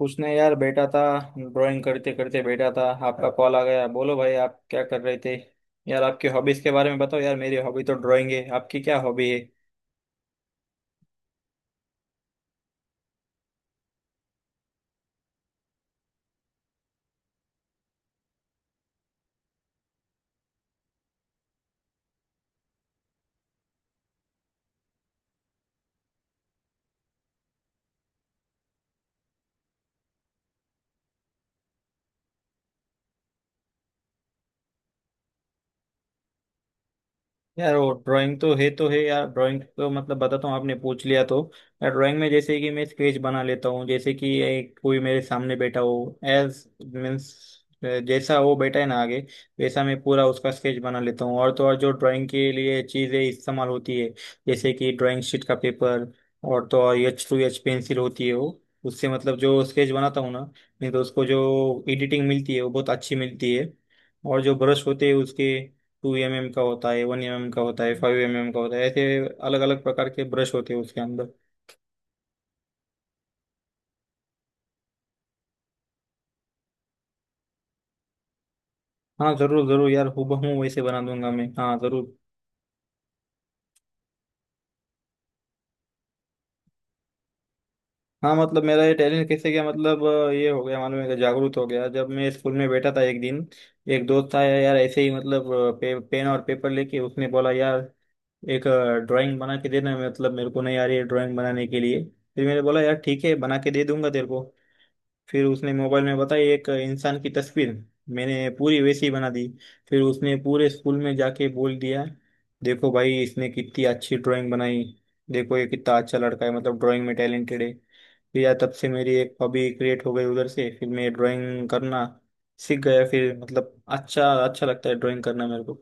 उसने यार बैठा था। ड्राइंग करते करते बैठा था, आपका कॉल आ गया। बोलो भाई, आप क्या कर रहे थे? यार आपकी हॉबीज के बारे में बताओ। यार मेरी हॉबी तो ड्राइंग है, आपकी क्या हॉबी है? यार, वो ड्राइंग तो है तो है। यार ड्राइंग तो मतलब बताता हूँ, आपने पूछ लिया तो। यार ड्राइंग में जैसे कि मैं स्केच बना लेता हूँ। जैसे कि एक कोई मेरे सामने बैठा हो, एज मीन्स जैसा वो बैठा है ना आगे, वैसा मैं पूरा उसका स्केच बना लेता हूँ। और तो और जो ड्राइंग के लिए चीज़ें इस्तेमाल होती है, जैसे कि ड्राइंग शीट का पेपर, और तो और एच टू एच पेंसिल होती है, वो उससे मतलब जो स्केच बनाता हूँ ना। नहीं तो उसको जो एडिटिंग मिलती है वो बहुत अच्छी मिलती है। और जो ब्रश होते हैं उसके, 2 mm का होता है, 1 mm का होता है, 5 mm का होता है, ऐसे अलग अलग प्रकार के ब्रश होते हैं उसके अंदर। हाँ जरूर जरूर यार, हूबहू वैसे बना दूंगा मैं, हाँ जरूर। हाँ, मतलब मेरा ये टैलेंट कैसे गया, मतलब ये हो गया। मालूम है कि जागरूक हो गया जब मैं स्कूल में बैठा था एक दिन। एक दोस्त आया यार, ऐसे ही मतलब पेन और पेपर लेके उसने बोला यार, एक ड्राइंग बना के देना, मतलब मेरे को नहीं आ रही है ड्राइंग बनाने के लिए। फिर मैंने बोला, यार ठीक है, बना के दे दूंगा तेरे को। फिर उसने मोबाइल में बताई एक इंसान की तस्वीर। मैंने पूरी वैसी बना दी। फिर उसने पूरे स्कूल में जाके बोल दिया, देखो भाई इसने कितनी अच्छी ड्राइंग बनाई। देखो ये कितना अच्छा लड़का है, मतलब ड्राइंग में टैलेंटेड है। फिर यार तब से मेरी एक हॉबी क्रिएट हो गई उधर से, फिर मैं ड्राइंग करना सीख गया। फिर मतलब अच्छा अच्छा लगता है ड्राइंग करना मेरे को।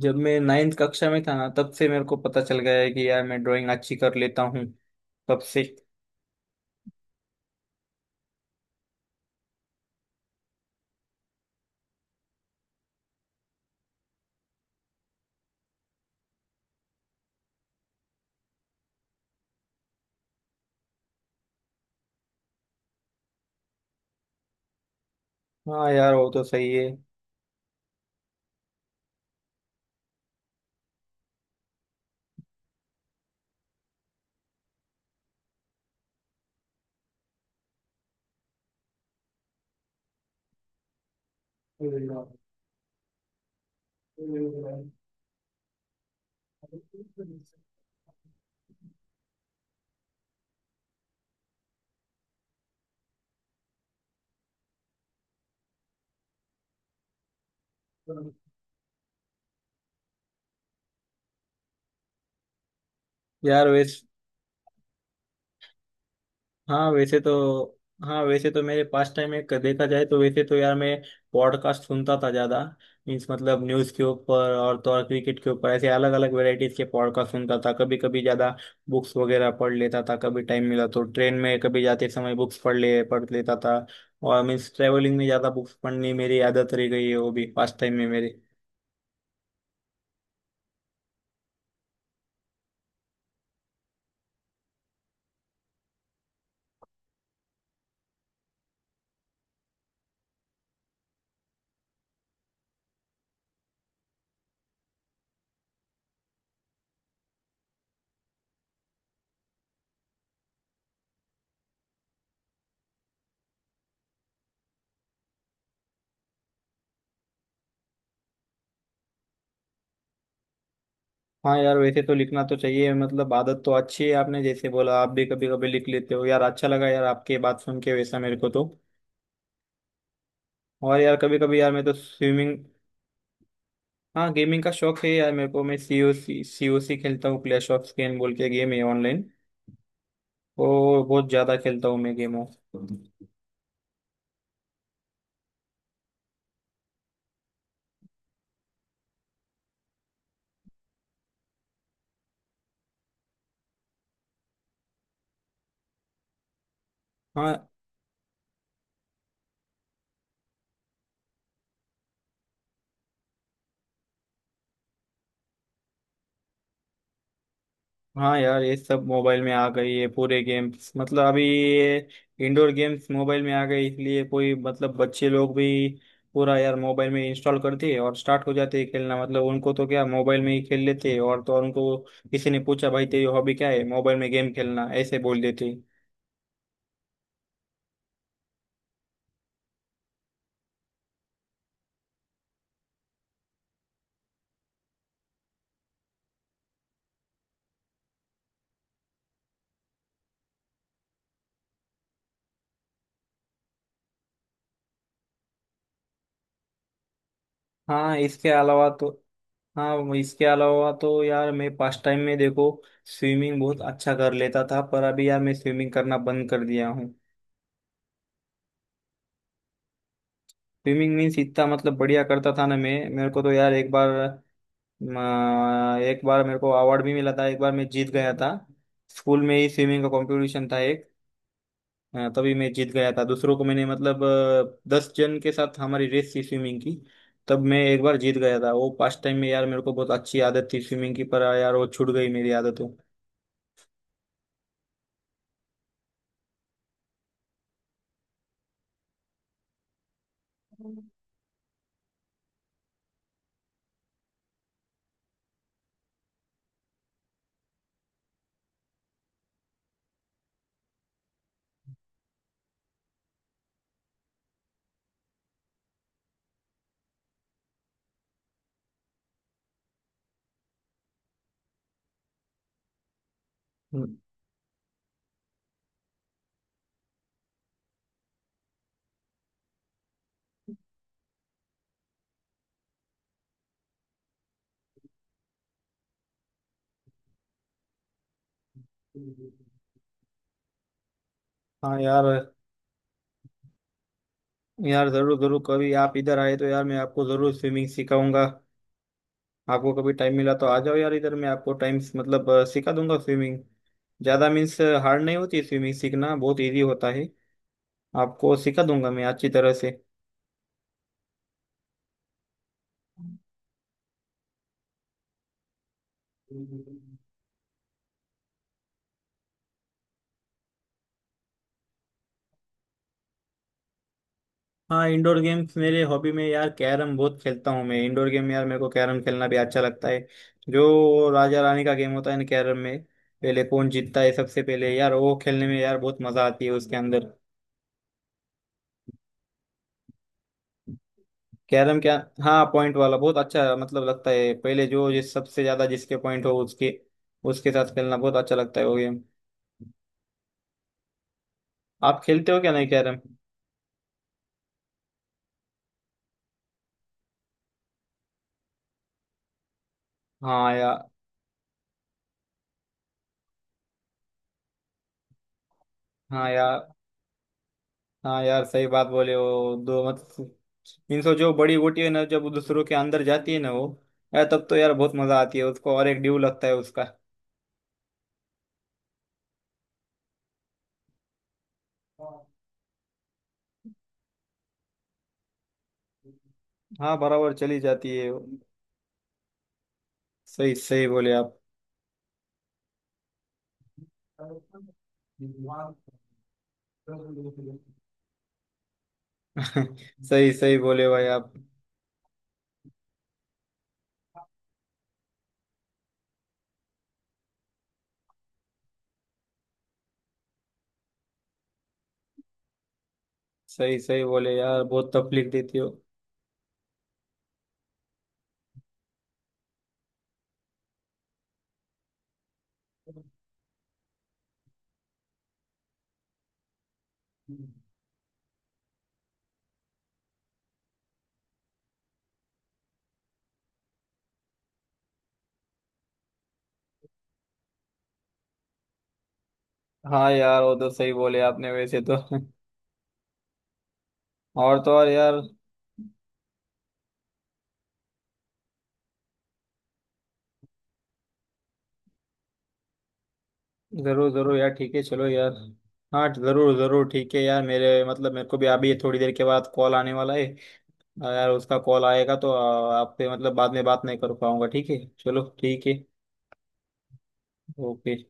जब मैं 9वीं कक्षा में था ना, तब से मेरे को पता चल गया है कि यार मैं ड्राइंग अच्छी कर लेता हूँ, तब से। हाँ यार वो तो सही है यार, वैसे हाँ वैसे तो हाँ वैसे तो मेरे पास टाइम में देखा जाए तो वैसे तो यार मैं पॉडकास्ट सुनता था ज्यादा। मीन्स मतलब न्यूज़ के ऊपर और तो और क्रिकेट के ऊपर, ऐसे अलग अलग वैरायटीज के पॉडकास्ट सुनता था कभी कभी ज्यादा। बुक्स वगैरह पढ़ लेता था कभी, टाइम मिला तो ट्रेन में कभी जाते समय बुक्स पढ़ लेता था। और मीन्स ट्रेवलिंग में ज्यादा बुक्स पढ़नी मेरी आदत रह गई है, वो भी पास टाइम में मेरे। हाँ यार वैसे तो लिखना तो चाहिए, मतलब आदत तो अच्छी है। आपने जैसे बोला आप भी कभी कभी लिख लेते हो, यार अच्छा लगा यार आपके बात सुन के वैसा मेरे को तो। और यार कभी कभी यार मैं तो स्विमिंग। हाँ गेमिंग का शौक है यार मेरे को, मैं सीओसी सीओसी खेलता हूँ। क्लैश ऑफ स्कैन बोल के गेम है ऑनलाइन। वो बहुत ज्यादा खेलता हूँ मैं, गेमों। हाँ हाँ यार ये सब मोबाइल में आ गई है, पूरे गेम्स मतलब अभी ये। इंडोर गेम्स मोबाइल में आ गए इसलिए, कोई मतलब बच्चे लोग भी पूरा यार मोबाइल में इंस्टॉल कर दिए और स्टार्ट हो जाते हैं खेलना। मतलब उनको तो क्या, मोबाइल में ही खेल लेते हैं। और तो और उनको किसी ने पूछा, भाई तेरी हॉबी क्या है, मोबाइल में गेम खेलना ऐसे बोल देते हैं। हाँ इसके अलावा तो हाँ वो इसके अलावा तो यार मैं पास्ट टाइम में देखो, स्विमिंग बहुत अच्छा कर लेता था। पर अभी यार मैं स्विमिंग करना बंद कर दिया हूँ। स्विमिंग मीन्स इतना मतलब बढ़िया करता था ना मैं, मेरे को तो यार म, एक बार मेरे को अवार्ड भी मिला था, एक बार मैं जीत गया था। स्कूल में ही स्विमिंग का कंपटीशन था एक, तभी मैं जीत गया था। दूसरों को मैंने मतलब 10 जन के साथ हमारी रेस थी स्विमिंग की। तब मैं एक बार जीत गया था वो। पास्ट टाइम में यार मेरे को बहुत अच्छी आदत थी स्विमिंग की, पर यार वो छूट गई मेरी आदत वो। हम्म। हाँ यार यार जरूर जरूर, कभी आप इधर आए तो यार मैं आपको जरूर स्विमिंग सिखाऊंगा। आपको कभी टाइम मिला तो आ जाओ यार, इधर मैं आपको टाइम मतलब सिखा दूंगा स्विमिंग। ज़्यादा मीन्स हार्ड नहीं होती, स्विमिंग सीखना बहुत इजी होता है। आपको सिखा दूंगा मैं अच्छी तरह से। हाँ इंडोर गेम्स मेरे हॉबी में यार, कैरम बहुत खेलता हूँ मैं। इंडोर गेम यार मेरे को कैरम खेलना भी अच्छा लगता है। जो राजा रानी का गेम होता है ना कैरम में, पहले कौन जीतता है सबसे पहले यार, वो खेलने में यार बहुत मजा आती है उसके अंदर। कैरम क्या? हाँ पॉइंट वाला बहुत अच्छा मतलब लगता है। पहले जो जिस सबसे ज्यादा जिसके पॉइंट हो उसके उसके साथ खेलना बहुत अच्छा लगता है वो गेम। आप खेलते हो क्या, नहीं कैरम? हाँ यार, हाँ यार, हाँ यार, सही बात बोले हो, दो मतलब। इनसे जो बड़ी गोटी है ना, जब वो दूसरों के अंदर जाती है ना वो, यार तब तो यार बहुत मजा आती है उसको, और एक ड्यू लगता है उसका। हाँ बराबर चली जाती है। सही सही बोले आप। सही सही बोले भाई आप। सही सही बोले यार, बहुत तकलीफ देती हो। हाँ यार वो तो सही बोले आपने वैसे तो। और तो और यार। जरूर जरूर यार, ठीक है चलो यार। हाँ जरूर जरूर ठीक है यार, मेरे मतलब मेरे को भी अभी थोड़ी देर के बाद कॉल आने वाला है। यार उसका कॉल आएगा तो आपसे मतलब बाद में बात नहीं कर पाऊंगा, ठीक है चलो, ठीक है ओके।